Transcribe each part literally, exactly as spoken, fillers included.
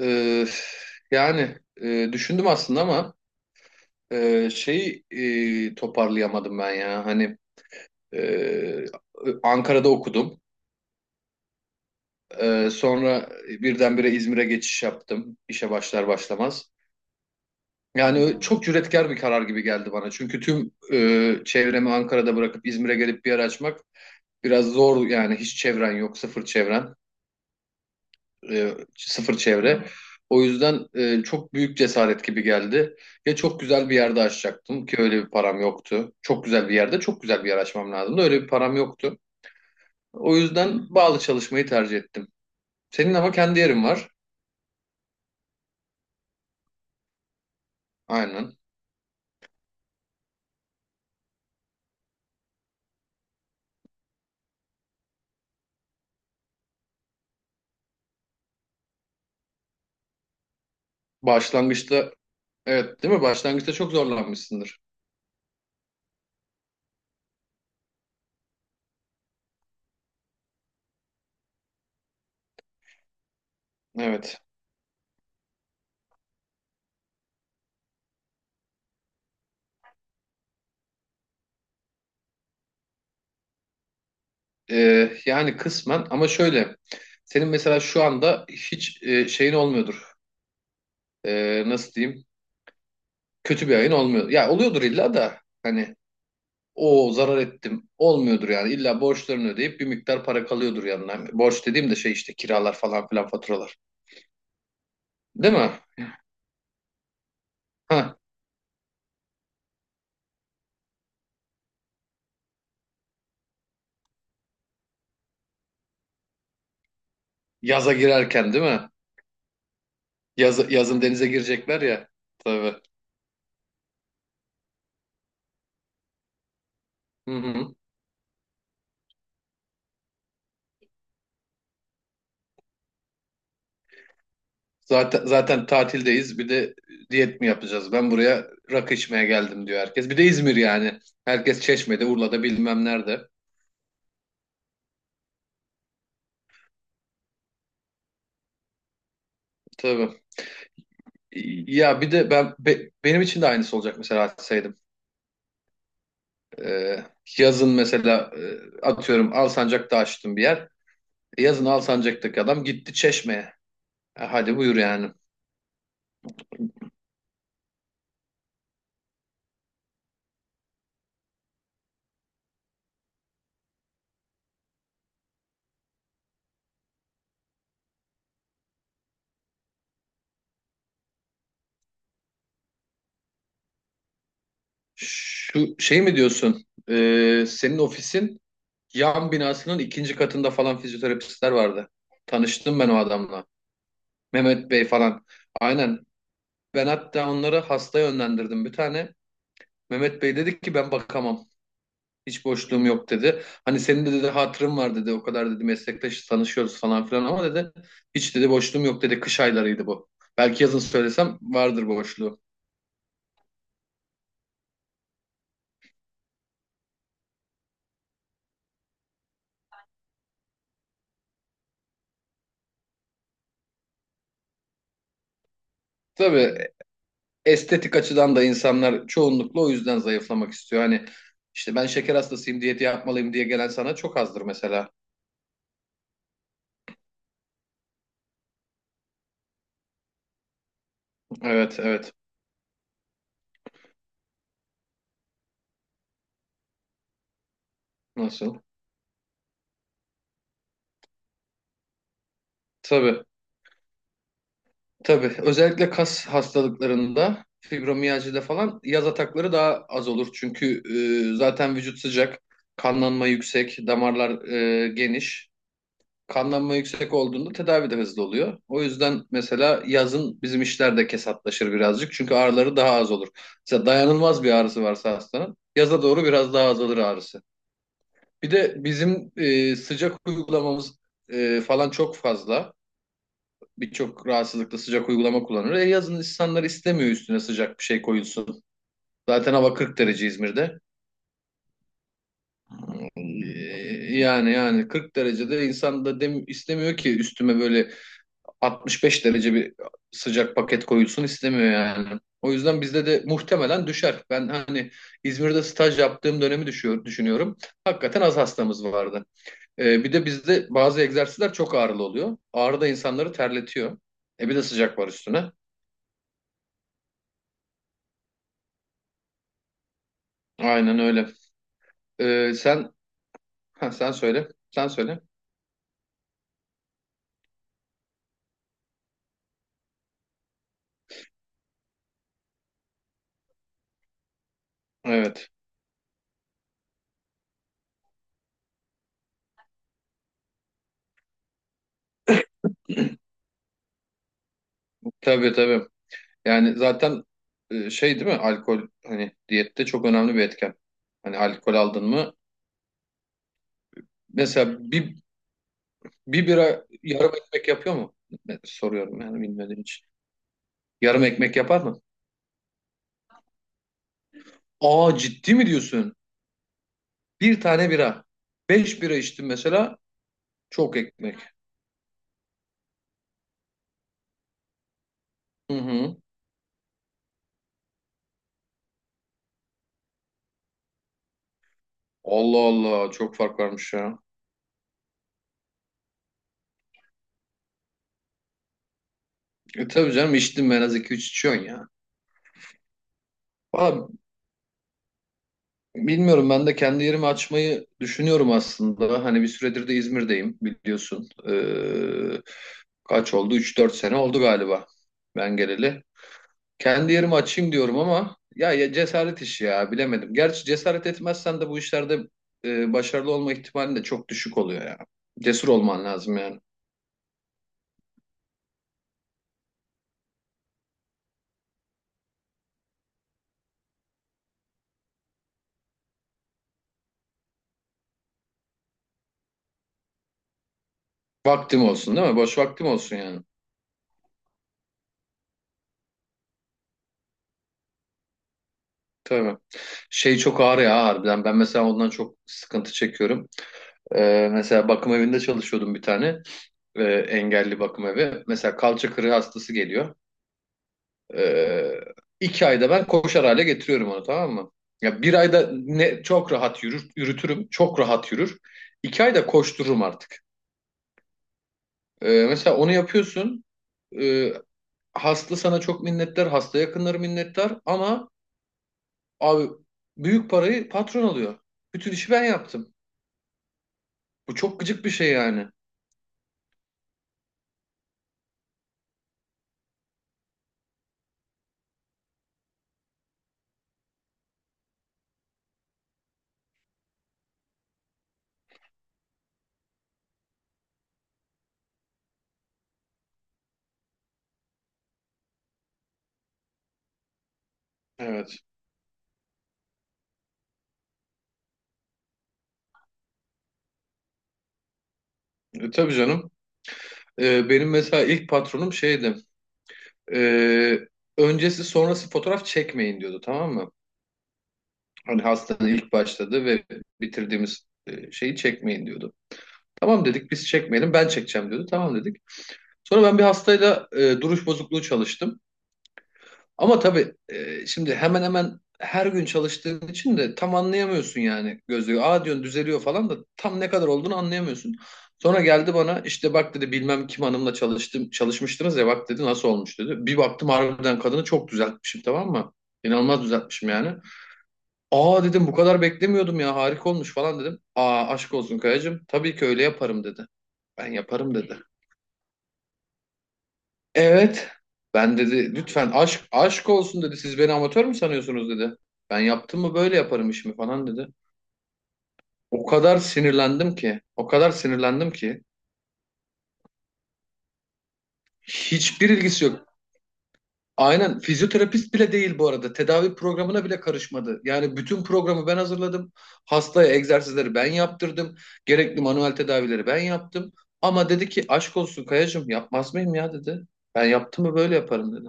Ee, yani e, düşündüm aslında ama e, şeyi e, toparlayamadım ben ya. Hani e, Ankara'da okudum. E, sonra birdenbire İzmir'e geçiş yaptım, işe başlar başlamaz. Yani çok cüretkar bir karar gibi geldi bana. Çünkü tüm e, çevremi Ankara'da bırakıp İzmir'e gelip bir yer açmak biraz zor yani, hiç çevren yok, sıfır çevren. e, sıfır çevre. O yüzden e, çok büyük cesaret gibi geldi. Ya çok güzel bir yerde açacaktım ki öyle bir param yoktu. Çok güzel bir yerde çok güzel bir yer açmam lazımdı. Öyle bir param yoktu. O yüzden bağlı çalışmayı tercih ettim. Senin ama kendi yerin var. Aynen. Başlangıçta, evet değil mi? Başlangıçta çok zorlanmışsındır. Evet. E, yani kısmen, ama şöyle. Senin mesela şu anda hiç e, şeyin olmuyordur. E, nasıl diyeyim? Kötü bir ayın olmuyor. Ya oluyordur illa da. Hani o zarar ettim olmuyordur yani. İlla borçlarını ödeyip bir miktar para kalıyordur yanına. Borç dediğim de şey işte, kiralar falan filan, faturalar. Değil mi? Ha, yaza girerken değil mi? Yaz, yazın denize girecekler ya. Tabii. Hı hı. Zaten zaten tatildeyiz. Bir de diyet mi yapacağız? Ben buraya rakı içmeye geldim diyor herkes. Bir de İzmir yani. Herkes Çeşme'de, Urla'da, bilmem nerede. Tabii. Ya bir de ben be- benim için de aynısı olacak mesela. Ee, Yazın mesela, e, atıyorum, Alsancak'ta açtım bir yer. Yazın Alsancak'taki adam gitti Çeşme'ye. E, hadi buyur yani. Şu şey mi diyorsun? Ee, senin ofisin yan binasının ikinci katında falan fizyoterapistler vardı. Tanıştım ben o adamla. Mehmet Bey falan. Aynen. Ben hatta onları hasta yönlendirdim, bir tane. Mehmet Bey dedi ki, ben bakamam. Hiç boşluğum yok dedi. Hani senin de dedi hatırım var dedi. O kadar dedi meslektaş tanışıyoruz falan filan ama dedi, hiç dedi boşluğum yok dedi. Kış aylarıydı bu. Belki yazın söylesem vardır boşluğu. Tabii, estetik açıdan da insanlar çoğunlukla o yüzden zayıflamak istiyor. Hani işte ben şeker hastasıyım, diyeti yapmalıyım diye gelen sana çok azdır mesela. Evet, evet. Nasıl? Tabii. Tabii, özellikle kas hastalıklarında, fibromiyajide falan yaz atakları daha az olur. Çünkü e, zaten vücut sıcak, kanlanma yüksek, damarlar e, geniş. Kanlanma yüksek olduğunda tedavi de hızlı oluyor. O yüzden mesela yazın bizim işler de kesatlaşır birazcık. Çünkü ağrıları daha az olur. Mesela dayanılmaz bir ağrısı varsa hastanın, yaza doğru biraz daha azalır ağrısı. Bir de bizim e, sıcak uygulamamız e, falan, çok fazla, birçok rahatsızlıkla sıcak uygulama kullanır. E yazın insanlar istemiyor üstüne sıcak bir şey koyulsun. Zaten hava kırk derece İzmir'de. E, yani yani kırk derecede insan da dem istemiyor ki üstüme böyle altmış beş derece bir sıcak paket koyulsun, istemiyor yani. O yüzden bizde de muhtemelen düşer. Ben hani İzmir'de staj yaptığım dönemi düşüyor, düşünüyorum. Hakikaten az hastamız vardı. E, bir de bizde bazı egzersizler çok ağrılı oluyor. Ağrı da insanları terletiyor. E bir de sıcak var üstüne. Aynen öyle. Ee, sen ha, sen söyle. Sen söyle. Evet. Tabii, tabii. Yani zaten, e, şey değil mi? Alkol, hani diyette çok önemli bir etken. Hani alkol aldın mı? Mesela bir bir bira yarım ekmek yapıyor mu? Ne- Soruyorum yani, bilmediğim için. Yarım ekmek yapar mı? Aa, ciddi mi diyorsun? Bir tane bira. Beş bira içtim mesela. Çok ekmek. Hı hı. Allah Allah, çok fark varmış ya. E tabii canım, içtim ben, az iki üç içiyorsun ya. Valla, bilmiyorum, ben de kendi yerimi açmayı düşünüyorum aslında. Hani bir süredir de İzmir'deyim, biliyorsun. Ee, kaç oldu? Üç dört sene oldu galiba ben geleli. Kendi yerimi açayım diyorum ama ya, ya cesaret işi ya, bilemedim. Gerçi cesaret etmezsen de bu işlerde e, başarılı olma ihtimalin de çok düşük oluyor ya. Cesur olman lazım yani. Vaktim olsun değil mi? Boş vaktim olsun yani. Tabii. Şey çok ağır ya, harbiden. Ben mesela ondan çok sıkıntı çekiyorum. Ee, mesela bakım evinde çalışıyordum bir tane, e, engelli bakım evi. Mesela kalça kırığı hastası geliyor. E, iki ayda ben koşar hale getiriyorum onu, tamam mı? Ya bir ayda ne çok rahat yürür, yürütürüm. Çok rahat yürür. İki ayda koştururum artık. E, mesela onu yapıyorsun. E, hasta sana çok minnettar. Hasta yakınları minnettar. Ama abi, büyük parayı patron alıyor. Bütün işi ben yaptım. Bu çok gıcık bir şey yani. Evet. E, tabii canım. E, benim mesela ilk patronum şeydi. Ee, öncesi sonrası fotoğraf çekmeyin diyordu, tamam mı? Hani hastanın ilk başladığı ve bitirdiğimiz e, şeyi çekmeyin diyordu. Tamam dedik, biz çekmeyelim, ben çekeceğim diyordu. Tamam dedik. Sonra ben bir hastayla e, duruş bozukluğu çalıştım. Ama tabii e, şimdi, hemen hemen her gün çalıştığın için de tam anlayamıyorsun yani gözlüğü. Aa diyorsun düzeliyor falan da, tam ne kadar olduğunu anlayamıyorsun. Sonra geldi bana, işte bak dedi bilmem kim hanımla çalıştım çalışmıştınız ya, bak dedi nasıl olmuş dedi. Bir baktım, harbiden kadını çok düzeltmişim, tamam mı? İnanılmaz düzeltmişim yani. Aa dedim, bu kadar beklemiyordum ya, harika olmuş falan dedim. Aa, aşk olsun Kayacığım, tabii ki öyle yaparım dedi. Ben yaparım dedi. Evet. Ben dedi lütfen, aşk aşk olsun dedi. Siz beni amatör mü sanıyorsunuz dedi. Ben yaptım mı böyle yaparım işimi falan dedi. O kadar sinirlendim ki. O kadar sinirlendim ki. Hiçbir ilgisi yok. Aynen, fizyoterapist bile değil bu arada. Tedavi programına bile karışmadı. Yani bütün programı ben hazırladım. Hastaya egzersizleri ben yaptırdım. Gerekli manuel tedavileri ben yaptım. Ama dedi ki aşk olsun Kayacığım, yapmaz mıyım ya dedi. Ben yaptım mı böyle yaparım dedi.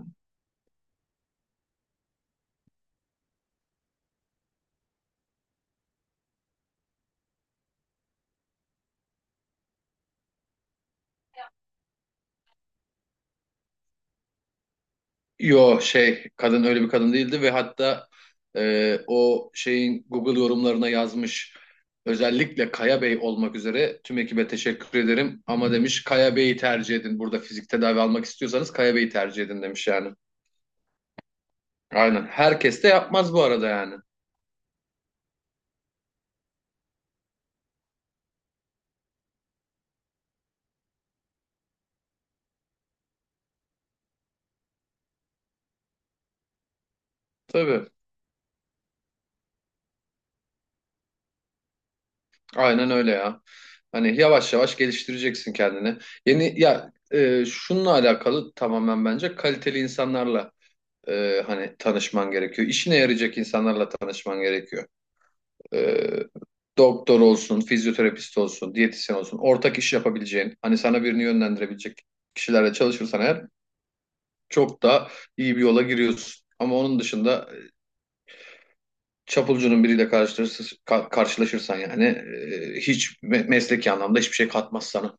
Yo şey, kadın öyle bir kadın değildi ve hatta e, o şeyin Google yorumlarına yazmış, özellikle Kaya Bey olmak üzere tüm ekibe teşekkür ederim ama demiş, Kaya Bey'i tercih edin, burada fizik tedavi almak istiyorsanız Kaya Bey'i tercih edin demiş yani. Aynen, herkes de yapmaz bu arada yani. Tabii, aynen öyle ya. Hani yavaş yavaş geliştireceksin kendini. Yeni ya, e, şununla alakalı tamamen, bence kaliteli insanlarla, e, hani tanışman gerekiyor. İşine yarayacak insanlarla tanışman gerekiyor. E, doktor olsun, fizyoterapist olsun, diyetisyen olsun, ortak iş yapabileceğin, hani sana birini yönlendirebilecek kişilerle çalışırsan eğer, çok daha iyi bir yola giriyorsun. Ama onun dışında e, çapulcunun biriyle karşılaşır- ka- karşılaşırsan yani, e, hiç me- mesleki anlamda hiçbir şey katmaz sana.